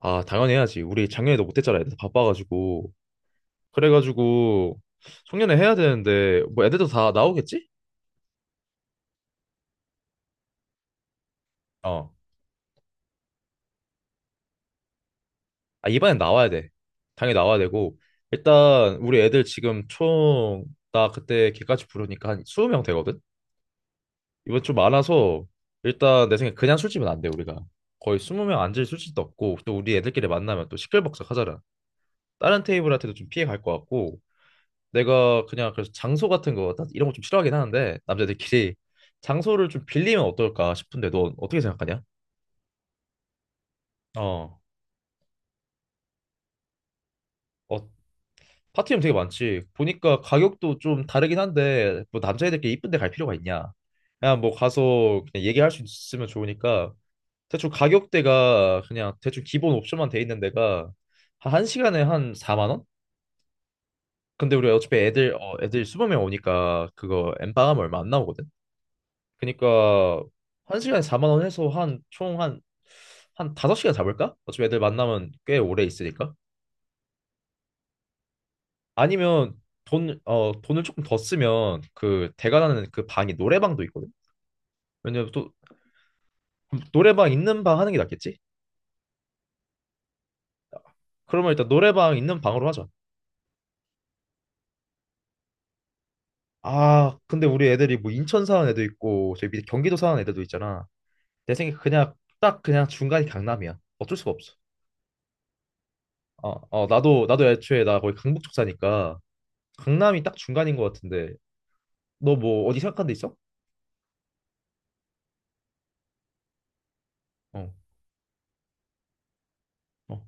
아, 당연히 해야지. 우리 작년에도 못했잖아. 애들 바빠가지고. 그래가지고 송년회 해야 되는데 뭐 애들도 다 나오겠지? 어. 아, 이번엔 나와야 돼. 당연히 나와야 되고 일단 우리 애들 지금 총 나 그때 걔까지 부르니까 한 20명 되거든? 이번 좀 많아서 일단 내 생각에 그냥 술집은 안 돼, 우리가. 거의 20명 앉을 술집도 없고 또 우리 애들끼리 만나면 또 시끌벅적하잖아. 다른 테이블한테도 좀 피해 갈 것 같고 내가 그냥 그래서 장소 같은 거, 나 이런 거 좀 싫어하긴 하는데, 남자들끼리 장소를 좀 빌리면 어떨까 싶은데, 넌 어떻게 생각하냐? 어, 어, 파티룸 되게 많지. 보니까 가격도 좀 다르긴 한데, 뭐 남자애들끼리 이쁜 데 갈 필요가 있냐? 그냥 뭐 가서 그냥 얘기할 수 있으면 좋으니까, 대충 가격대가 그냥 대충 기본 옵션만 돼 있는 데가 한시간에한 4만 원? 근데 우리 어차피 애들, 어, 애들 20명 오니까 그거 엠빵하면 얼마 안 나오거든? 그니까 한 시간에 4만 원 해서 한 총 한 다섯 시간 잡을까? 어차피 애들 만나면 꽤 오래 있으니까. 아니면 돈 돈을 조금 더 쓰면 그 대관하는 그 방이 노래방도 있거든. 왜냐면 또 노래방 있는 방 하는 게 낫겠지? 그러면 일단 노래방 있는 방으로 하자. 아, 근데 우리 애들이 뭐 인천 사는 애도 있고 저기 밑에 경기도 사는 애들도 있잖아. 내 생각에 그냥 딱 그냥 중간이 강남이야. 어쩔 수가 없어. 어, 어, 나도 애초에 나 거기 강북 쪽 사니까 강남이 딱 중간인 것 같은데 너 뭐 어디 생각한 데 있어? 어, 어.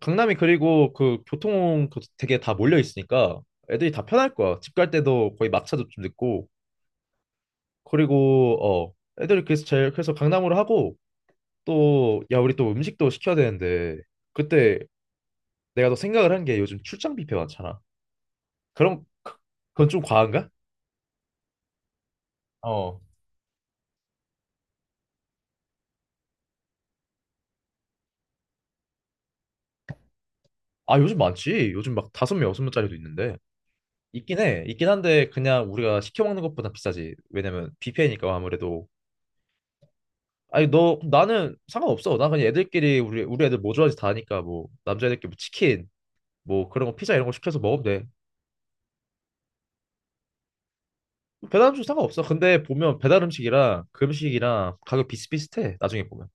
강남이 그리고 그 교통 그 되게 다 몰려 있으니까 애들이 다 편할 거야. 집 갈 때도 거의 막차도 좀 늦고 그리고 애들이 그래서 제일 그래서 강남으로 하고 또 야 우리 또 음식도 시켜야 되는데 그때 내가 또 생각을 한 게 요즘 출장 뷔페 많잖아. 그럼 그- 그건 좀 과한가? 어. 아 요즘 많지. 요즘 막 다섯 명 여섯 명짜리도 있는데. 있긴 해. 있긴 한데 그냥 우리가 시켜 먹는 것보다 비싸지. 왜냐면 뷔페니까 아무래도. 아니 너 나는 상관없어. 난 그냥 애들끼리 우리 애들 뭐 좋아하는지 다 아니까 뭐 남자애들끼리 뭐 치킨 뭐 그런 거 피자 이런 거 시켜서 먹으면 돼. 배달 음식 상관없어. 근데 보면 배달 음식이랑 그 음식이랑 가격 비슷비슷해. 나중에 보면.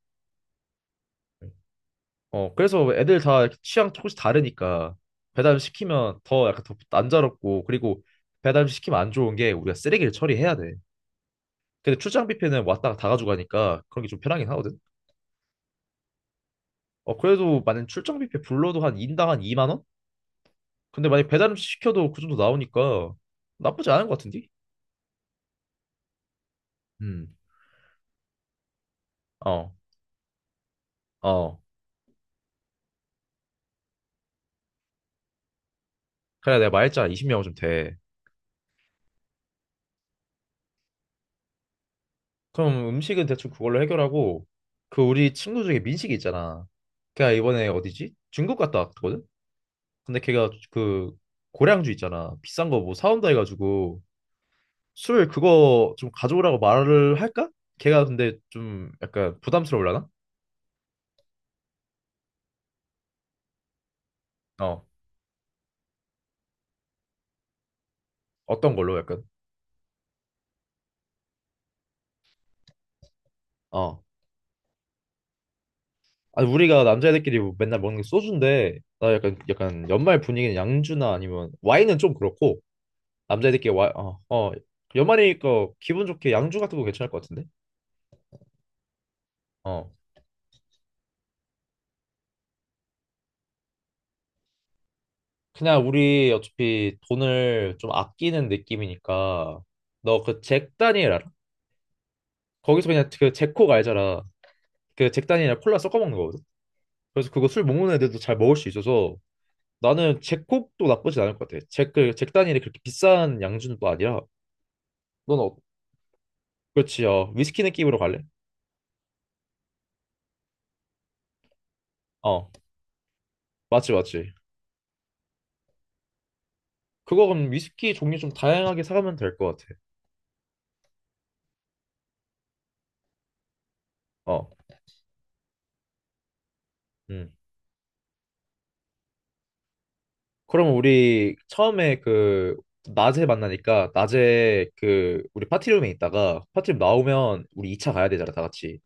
어 그래서 애들 다 이렇게 취향 조금씩 다르니까 배달 음식 시키면 더 약간 더 난자롭고 그리고 배달 음식 시키면 안 좋은 게 우리가 쓰레기를 처리해야 돼. 근데 출장 뷔페는 왔다가 다 가져가니까 그런 게 좀 편하긴 하거든. 어, 그래도 만약 출장 뷔페 불러도 한 인당 한 2만 원? 근데 만약 배달 음식 시켜도 그 정도 나오니까 나쁘지 않은 것 같은데? 음. 어. 어. 그래 내가 말했잖아. 20명은 좀 돼. 그럼 음식은 대충 그걸로 해결하고 그 우리 친구 중에 민식이 있잖아. 걔가 이번에 어디지? 중국 갔다 왔거든? 근데 걔가 그 고량주 있잖아. 비싼 거 뭐 사온다 해가지고 술 그거 좀 가져오라고 말을 할까? 걔가 근데 좀 약간 부담스러울라나? 어. 어떤 걸로 약간? 어. 아니 우리가 남자애들끼리 맨날 먹는 게 소주인데 나 약간 약간 연말 분위기는 양주나 아니면 와인은 좀 그렇고 남자애들끼리 와 어, 어 연말이니까 기분 좋게 양주 같은 거 괜찮을 것 같은데 어 그냥 우리 어차피 돈을 좀 아끼는 느낌이니까 너 그 잭 다니엘 알아? 거기서 그냥 그 잭콕 알잖아. 그 잭 다니엘이랑 콜라 섞어 먹는 거거든. 그래서 그거 술 못 먹는 애들도 잘 먹을 수 있어서 나는 잭콕도 나쁘진 않을 것 같아. 잭, 그, 잭 다니엘이 그렇게 비싼 양주는 또 아니라 넌 어, 그렇지, 어. 위스키 느낌으로 갈래? 어, 맞지, 맞지. 그거 그럼 위스키 종류 좀 다양하게 사가면 될 것 같아. 어, 음. 그럼 우리 처음에 그 낮에 만나니까 낮에 그 우리 파티룸에 있다가 파티룸 나오면 우리 2차 가야 되잖아, 다 같이.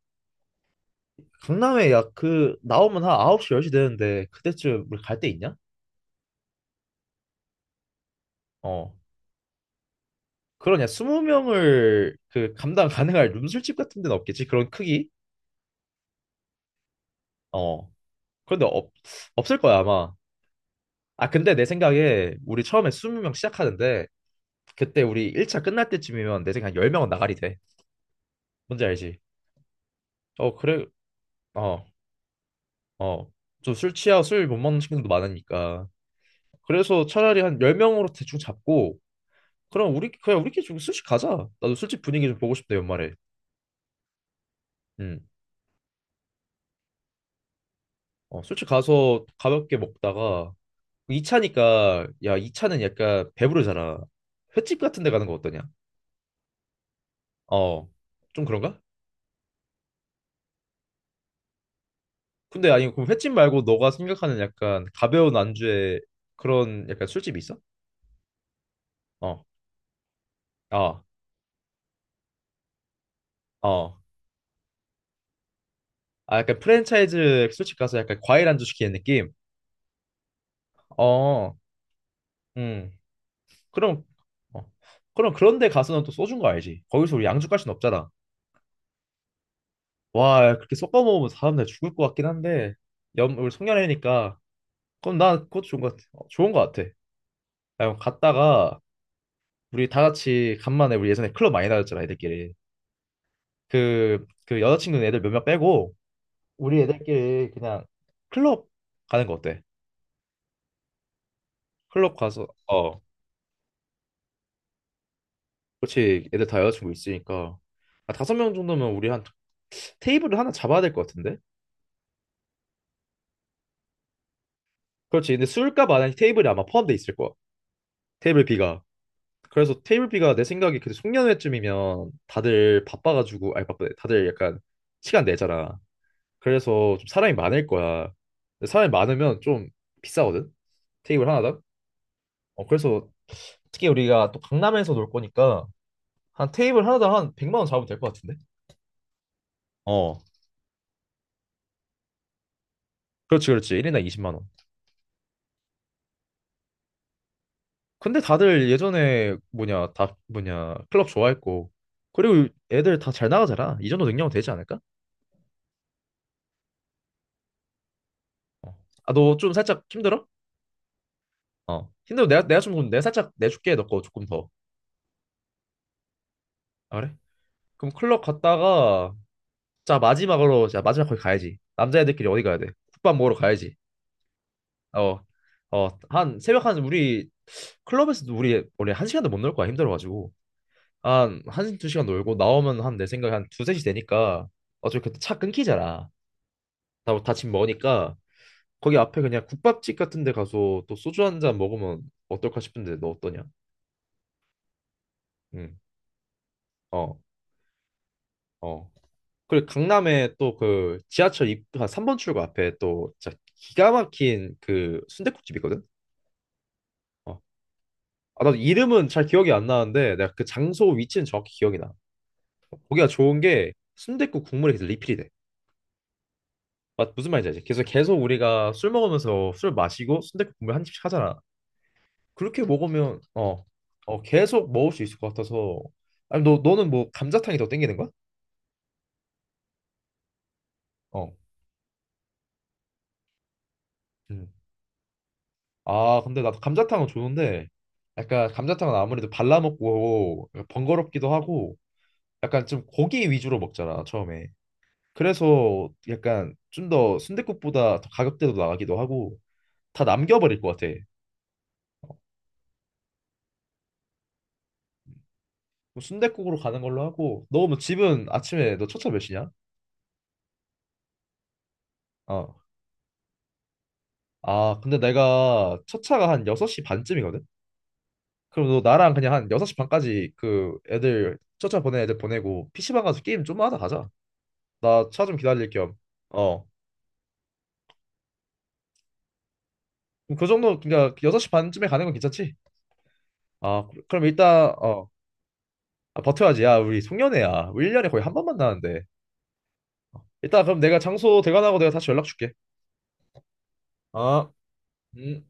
강남에 야, 그 나오면 한 9시, 10시 되는데 그때쯤 우리 갈 데 있냐? 어. 그러냐, 20명을 그 감당 가능할 룸 술집 같은 데는 없겠지? 그런 크기? 어. 그런데 없, 없을 거야, 아마. 아, 근데 내 생각에 우리 처음에 20명 시작하는데 그때 우리 1차 끝날 때쯤이면 내 생각에 10명은 나가리 돼. 뭔지 알지? 어, 그래. 어, 어. 좀 술 취하고 술 못 먹는 친구도 많으니까. 그래서 차라리 한 10명으로 대충 잡고 그럼 우리 그냥 우리끼리 좀 술집 가자. 나도 술집 분위기 좀 보고 싶다, 연말에. 음. 어, 술집 가서 가볍게 먹다가 2차니까 야, 2차는 약간 배부르잖아. 횟집 같은 데 가는 거 어떠냐? 어. 좀 그런가? 근데 아니 그럼 횟집 말고 너가 생각하는 약간 가벼운 안주에 그런 약간 술집이 있어? 어. 어. 어. 아 약간 프랜차이즈 술집 가서 약간 과일 안주 시키는 느낌? 어. 음. 그럼 어. 그럼 그런데 가서는 또 소주인 거 알지? 거기서 우리 양주 갈 순 없잖아. 와, 그렇게 섞어 먹으면 사람들 죽을 것 같긴 한데 염 우리 송년회니까 그럼 나 그것도 좋은 것 같아. 어, 좋은 것 같아. 야, 그럼 갔다가 우리 다 같이 간만에 우리 예전에 클럽 많이 다녔잖아, 애들끼리. 그 그 여자친구는 애들 몇몇 빼고 우리 애들끼리 그냥 클럽 가는 거 어때? 클럽 가서 어 그렇지 애들 다 여자친구 있으니까 아, 다섯 명 정도면 우리 한 테이블을 하나 잡아야 될 것 같은데? 그렇지 근데 술값 안에 테이블이 아마 포함돼 있을 거야. 테이블 B가 그래서 테이블 B가 내 생각에 그 송년회쯤이면 다들 바빠가지고 아니 바쁘네 다들 약간 시간 내잖아. 그래서 좀 사람이 많을 거야. 근데 사람이 많으면 좀 비싸거든. 테이블 하나당 어 그래서 특히 우리가 또 강남에서 놀 거니까 한 테이블 하나당 한 100만 원 잡으면 될 것 같은데? 어, 그렇지, 그렇지. 1인당 20만 원. 근데 다들 예전에 뭐냐, 클럽 좋아했고. 그리고 애들 다 잘 나가잖아. 이 정도 능력은 되지 않을까? 어. 아, 너 좀 살짝 힘들어? 어. 힘들면 내가 좀, 그럼 내가 살짝 내줄게. 너 거 조금 더. 아, 그래? 그럼 클럽 갔다가, 자, 마지막으로, 자, 마지막 거기 가야지. 남자애들끼리 어디 가야 돼? 국밥 먹으러 가야지. 어, 어, 한, 새벽 한, 우리, 클럽에서도 우리, 원래 한 시간도 못 놀 거야. 힘들어가지고. 두 시간 놀고 나오면 한 내 생각에 한 두세 시 되니까 어차피 그때 차 끊기잖아. 다 집 먹으니까 거기 앞에 그냥 국밥집 같은 데 가서 또 소주 한 잔 먹으면 어떨까 싶은데 너 어떠냐? 응. 어, 어. 그리고 강남에 또 그 지하철 입, 한 3번 출구 앞에 또 진짜 기가 막힌 그 순댓국집 있거든? 어. 아, 나도 이름은 잘 기억이 안 나는데 내가 그 장소 위치는 정확히 기억이 나. 거기가 좋은 게 순댓국 국물이 계속 리필이 돼. 맞, 무슨 말인지 알지? 계속 계속 우리가 술 먹으면서 술 마시고 순댓국 국물 한 입씩 하잖아. 그렇게 먹으면 어, 어 계속 먹을 수 있을 것 같아서. 아니 너 너는 뭐 감자탕이 더 땡기는 거야? 어. 음. 아 근데 나도 감자탕은 좋은데 약간 감자탕은 아무래도 발라 먹고 번거롭기도 하고 약간 좀 고기 위주로 먹잖아 처음에. 그래서 약간 좀 더 순댓국보다 더 가격대도 나가기도 하고 다 남겨버릴 것 같아. 순댓국으로 가는 걸로 하고 너 뭐 집은 아침에 너 첫차 몇 시냐? 어. 아, 근데 내가 첫 차가 한 여섯시 반쯤이거든? 그럼 너 나랑 그냥 한 여섯시 반까지 그 애들, 첫차 보낸 애들 보내고 PC방 가서 게임 좀만 하다 가자. 나 차 좀 기다릴 겸. 어. 그럼 그 정도, 그러니까 그 여섯 시 반쯤에 가는 건 괜찮지? 아, 그- 그럼 일단, 어. 아, 버텨야지. 야, 우리 송년회야. 우리 1년에 거의 한 번 만나는데. 일단 그럼 내가 장소 대관하고 내가 다시 연락 줄게. 아, 음.